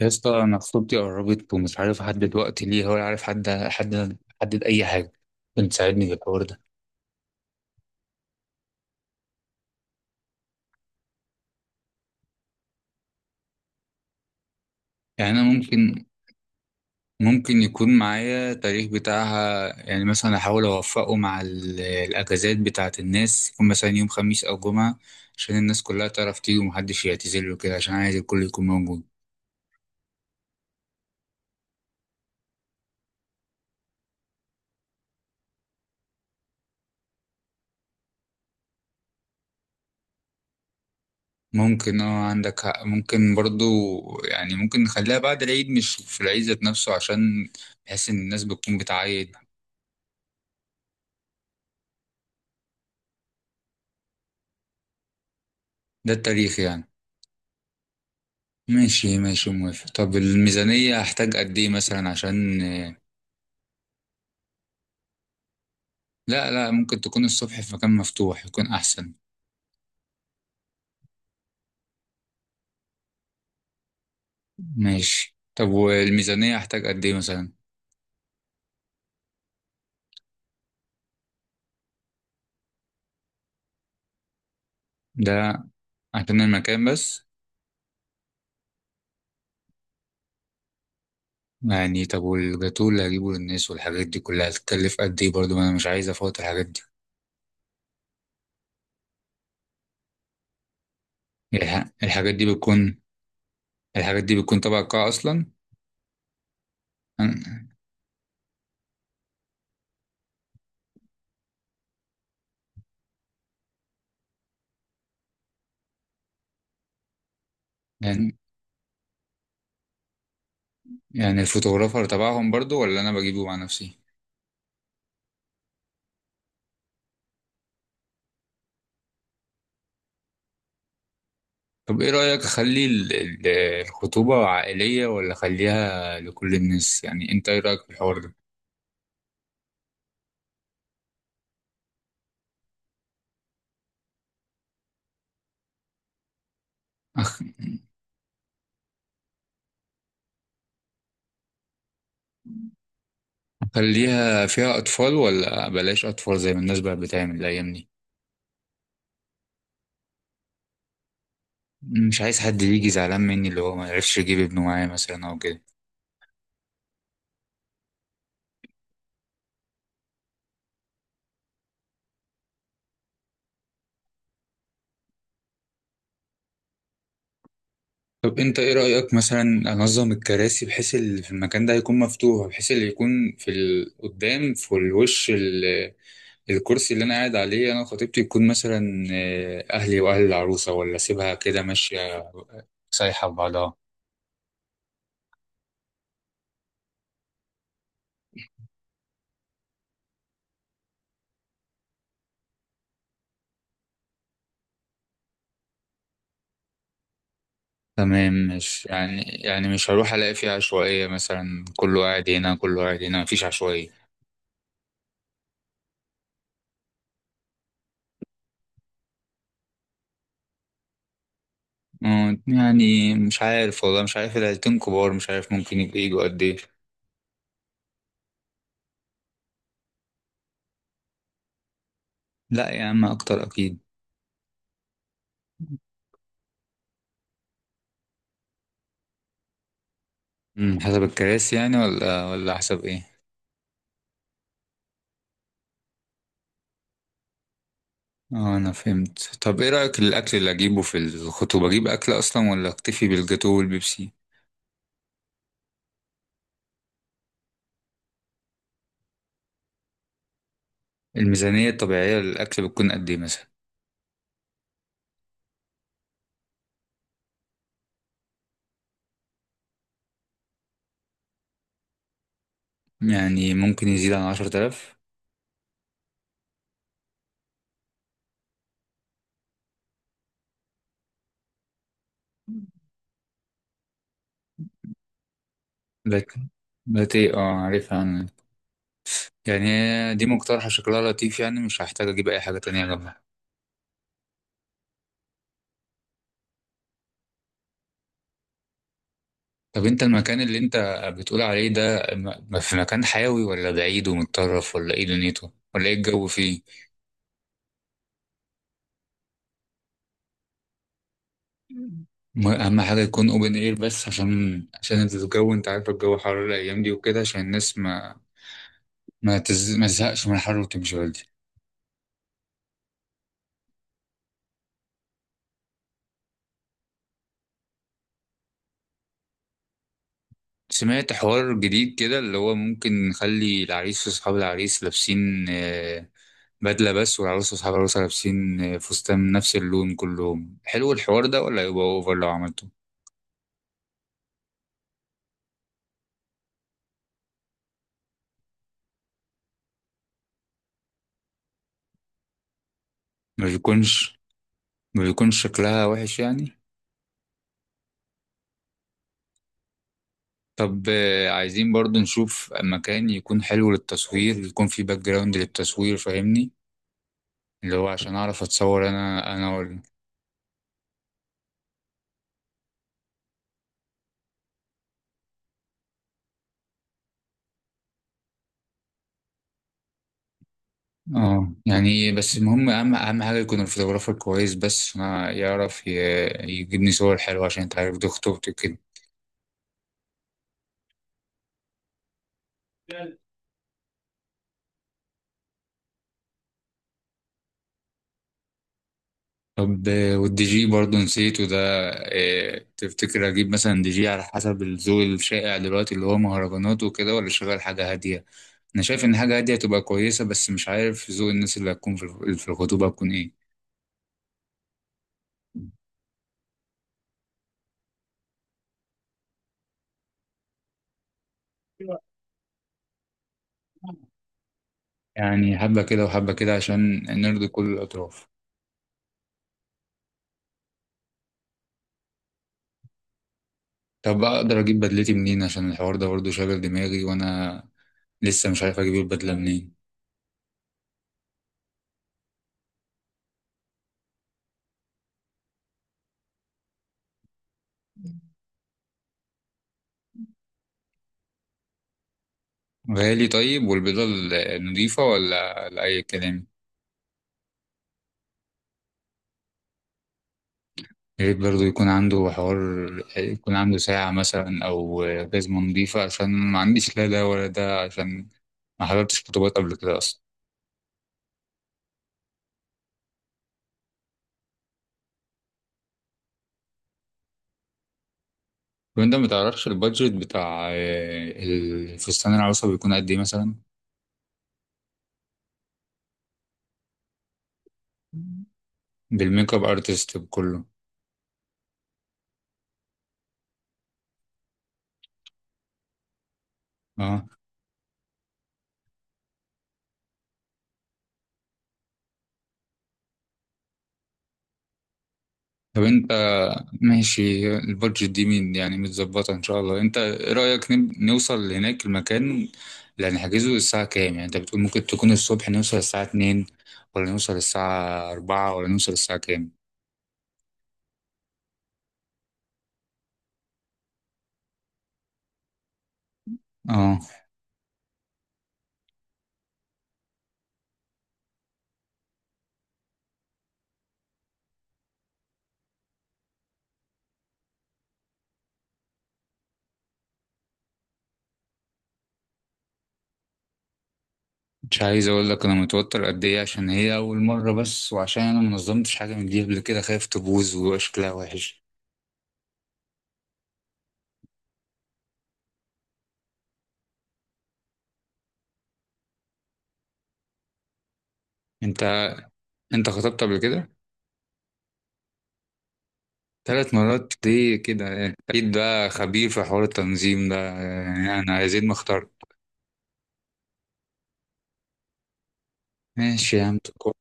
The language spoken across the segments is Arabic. يا اسطى، انا خطوبتي قربت ومش عارف احدد وقت ليها، ولا عارف حد احدد اي حاجه. ممكن تساعدني في الحوار ده؟ يعني انا ممكن. يكون معايا تاريخ بتاعها، يعني مثلا احاول اوفقه مع الاجازات بتاعه الناس، يكون مثلا يوم خميس او جمعه، عشان الناس كلها تعرف تيجي ومحدش يعتذر له كده، عشان عايز الكل يكون موجود. ممكن، اه عندك حق، ممكن برضو. يعني ممكن نخليها بعد العيد، مش في العيد ذات نفسه، عشان بحيث ان الناس بتكون بتعيد. ده التاريخ يعني. ماشي ماشي، موافق. طب الميزانية هحتاج قد ايه مثلا؟ عشان. لا لا، ممكن تكون الصبح في مكان مفتوح يكون احسن. ماشي. طب والميزانية هحتاج قد ايه مثلا؟ ده عشان المكان بس. يعني طب والجاتوه اللي هجيبه للناس والحاجات دي كلها هتكلف قد ايه برضه؟ ما انا مش عايز افوت الحاجات دي. الح- الحاجات دي بتكون الحاجات دي بتكون تبع القاعة اصلا. يعني يعني الفوتوغرافر تبعهم برضه، ولا انا بجيبه مع نفسي؟ طب ايه رأيك اخلي الخطوبة عائلية، ولا اخليها لكل الناس؟ يعني انت ايه رأيك في الحوار ده؟ أخ- اخليها فيها اطفال ولا بلاش اطفال زي ما الناس بقى بتعمل الايام دي؟ مش عايز حد يجي زعلان مني، اللي هو ما يعرفش يجيب ابنه معايا مثلا او كده. طب انت ايه رأيك مثلا انظم الكراسي بحيث اللي في المكان ده يكون مفتوح، بحيث اللي يكون في قدام في الوش، الكرسي اللي انا قاعد عليه انا وخطيبتي يكون مثلا اهلي واهل العروسه، ولا سيبها كده ماشيه سايحه ببعضها؟ تمام. مش يعني، مش هروح الاقي فيها عشوائيه، مثلا كله قاعد هنا كله قاعد هنا، مفيش عشوائيه. يعني مش عارف والله، مش عارف، العيلتين كبار، مش عارف ممكن يبقى يجوا قد ايه. لا يا عم، اكتر اكيد. حسب الكراسي يعني، ولا حسب ايه؟ اه انا فهمت. طب ايه رايك الاكل اللي اجيبه في الخطوبه، اجيب اكل اصلا ولا اكتفي بالجاتوه والبيبسي؟ الميزانية الطبيعية للأكل بتكون قد إيه مثلا؟ يعني ممكن يزيد عن 10 آلاف؟ لكن بقت إيه، أه عارفها أنا. يعني هي دي مقترحة، شكلها لطيف، يعني مش هحتاج أجيب أي حاجة تانية جنبها. طب أنت المكان اللي أنت بتقول عليه ده، في مكان حيوي ولا بعيد ومتطرف، ولا إيه دنيته؟ ولا إيه الجو فيه؟ أهم حاجة يكون أوبن إير بس، عشان الجو، أنت عارف الجو حر الأيام دي وكده، عشان الناس ما، ما تزهقش من الحر وتمشي بدري. سمعت حوار جديد كده، اللي هو ممكن نخلي العريس واصحاب العريس لابسين بدلة بس، والعروس واصحاب العروسة لابسين فستان من نفس اللون كلهم. حلو الحوار ده ولا يبقى اوفر لو عملته؟ ما بيكونش ما بيكونش شكلها وحش يعني؟ طب عايزين برضو نشوف مكان يكون حلو للتصوير، يكون فيه باك جراوند للتصوير، فاهمني؟ اللي هو عشان اعرف اتصور انا. اه يعني، بس المهم اهم حاجه يكون الفوتوغرافر كويس، بس ما يعرف يجيبني صور حلوه، عشان انت عارف دي خطوبتي كده. طب والدي جي برضه نسيته ده. تفتكر اجيب مثلا دي جي على حسب الذوق الشائع دلوقتي، اللي هو مهرجانات وكده، ولا شغال حاجه هاديه؟ انا شايف ان حاجه هاديه تبقى كويسه، بس مش عارف ذوق الناس اللي هتكون في في الخطوبه هتكون ايه. يعني حبه كده وحبه كده، عشان نرضي كل الاطراف. طب اقدر اجيب بدلتي منين؟ عشان الحوار ده برضه شاغل دماغي، وانا لسه مش عارف اجيب البدله منين. غالي. طيب والبيضه النظيفه ولا لاي كلام؟ يا ريت برضه يكون عنده حوار، يكون عنده ساعه مثلا او جزمه نظيفه، عشان ما عنديش لا ده ولا ده، عشان ما حضرتش خطوبات قبل كده اصلا. وانت ما تعرفش البادجت بتاع الفستان، العروسه بيكون قد ايه مثلا؟ بالميك اب ارتست بكله. اه. طب انت، ماشي. البادجت دي مين، يعني متظبطة ان شاء الله. انت ايه رأيك نوصل هناك المكان اللي هنحجزه الساعة كام؟ يعني انت بتقول ممكن تكون الصبح. نوصل الساعة 2 ولا نوصل الساعة 4 ولا نوصل الساعة كام؟ اه. مش عايز اقول لك انا متوتر قد ايه، عشان هي اول مرة بس، وعشان انا منظمتش حاجة من دي قبل كده، خايف تبوظ ويبقى شكلها وحش. انت انت خطبت قبل كده؟ 3 مرات ليه كده يعني؟ اكيد ده خبير في حوار التنظيم ده، يعني انا عايزين ما اختار. ماشي يا عم،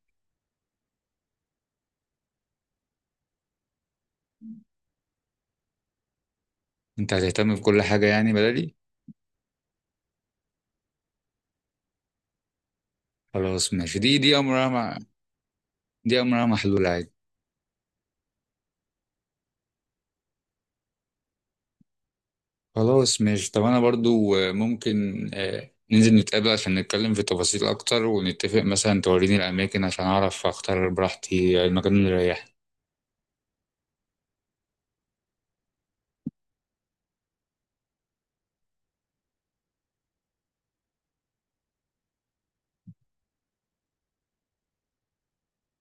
انت هتهتم بكل حاجة يعني بدلي؟ خلاص ماشي. دي امرها مع. دي امرها محلول عادي. خلاص ماشي. طب انا برضو ممكن ننزل نتقابل عشان نتكلم في تفاصيل اكتر، ونتفق مثلا توريني الاماكن عشان اعرف اختار براحتي المكان اللي يريحني.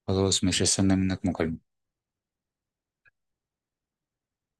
خلاص ماشي، استنى منك مكالمة.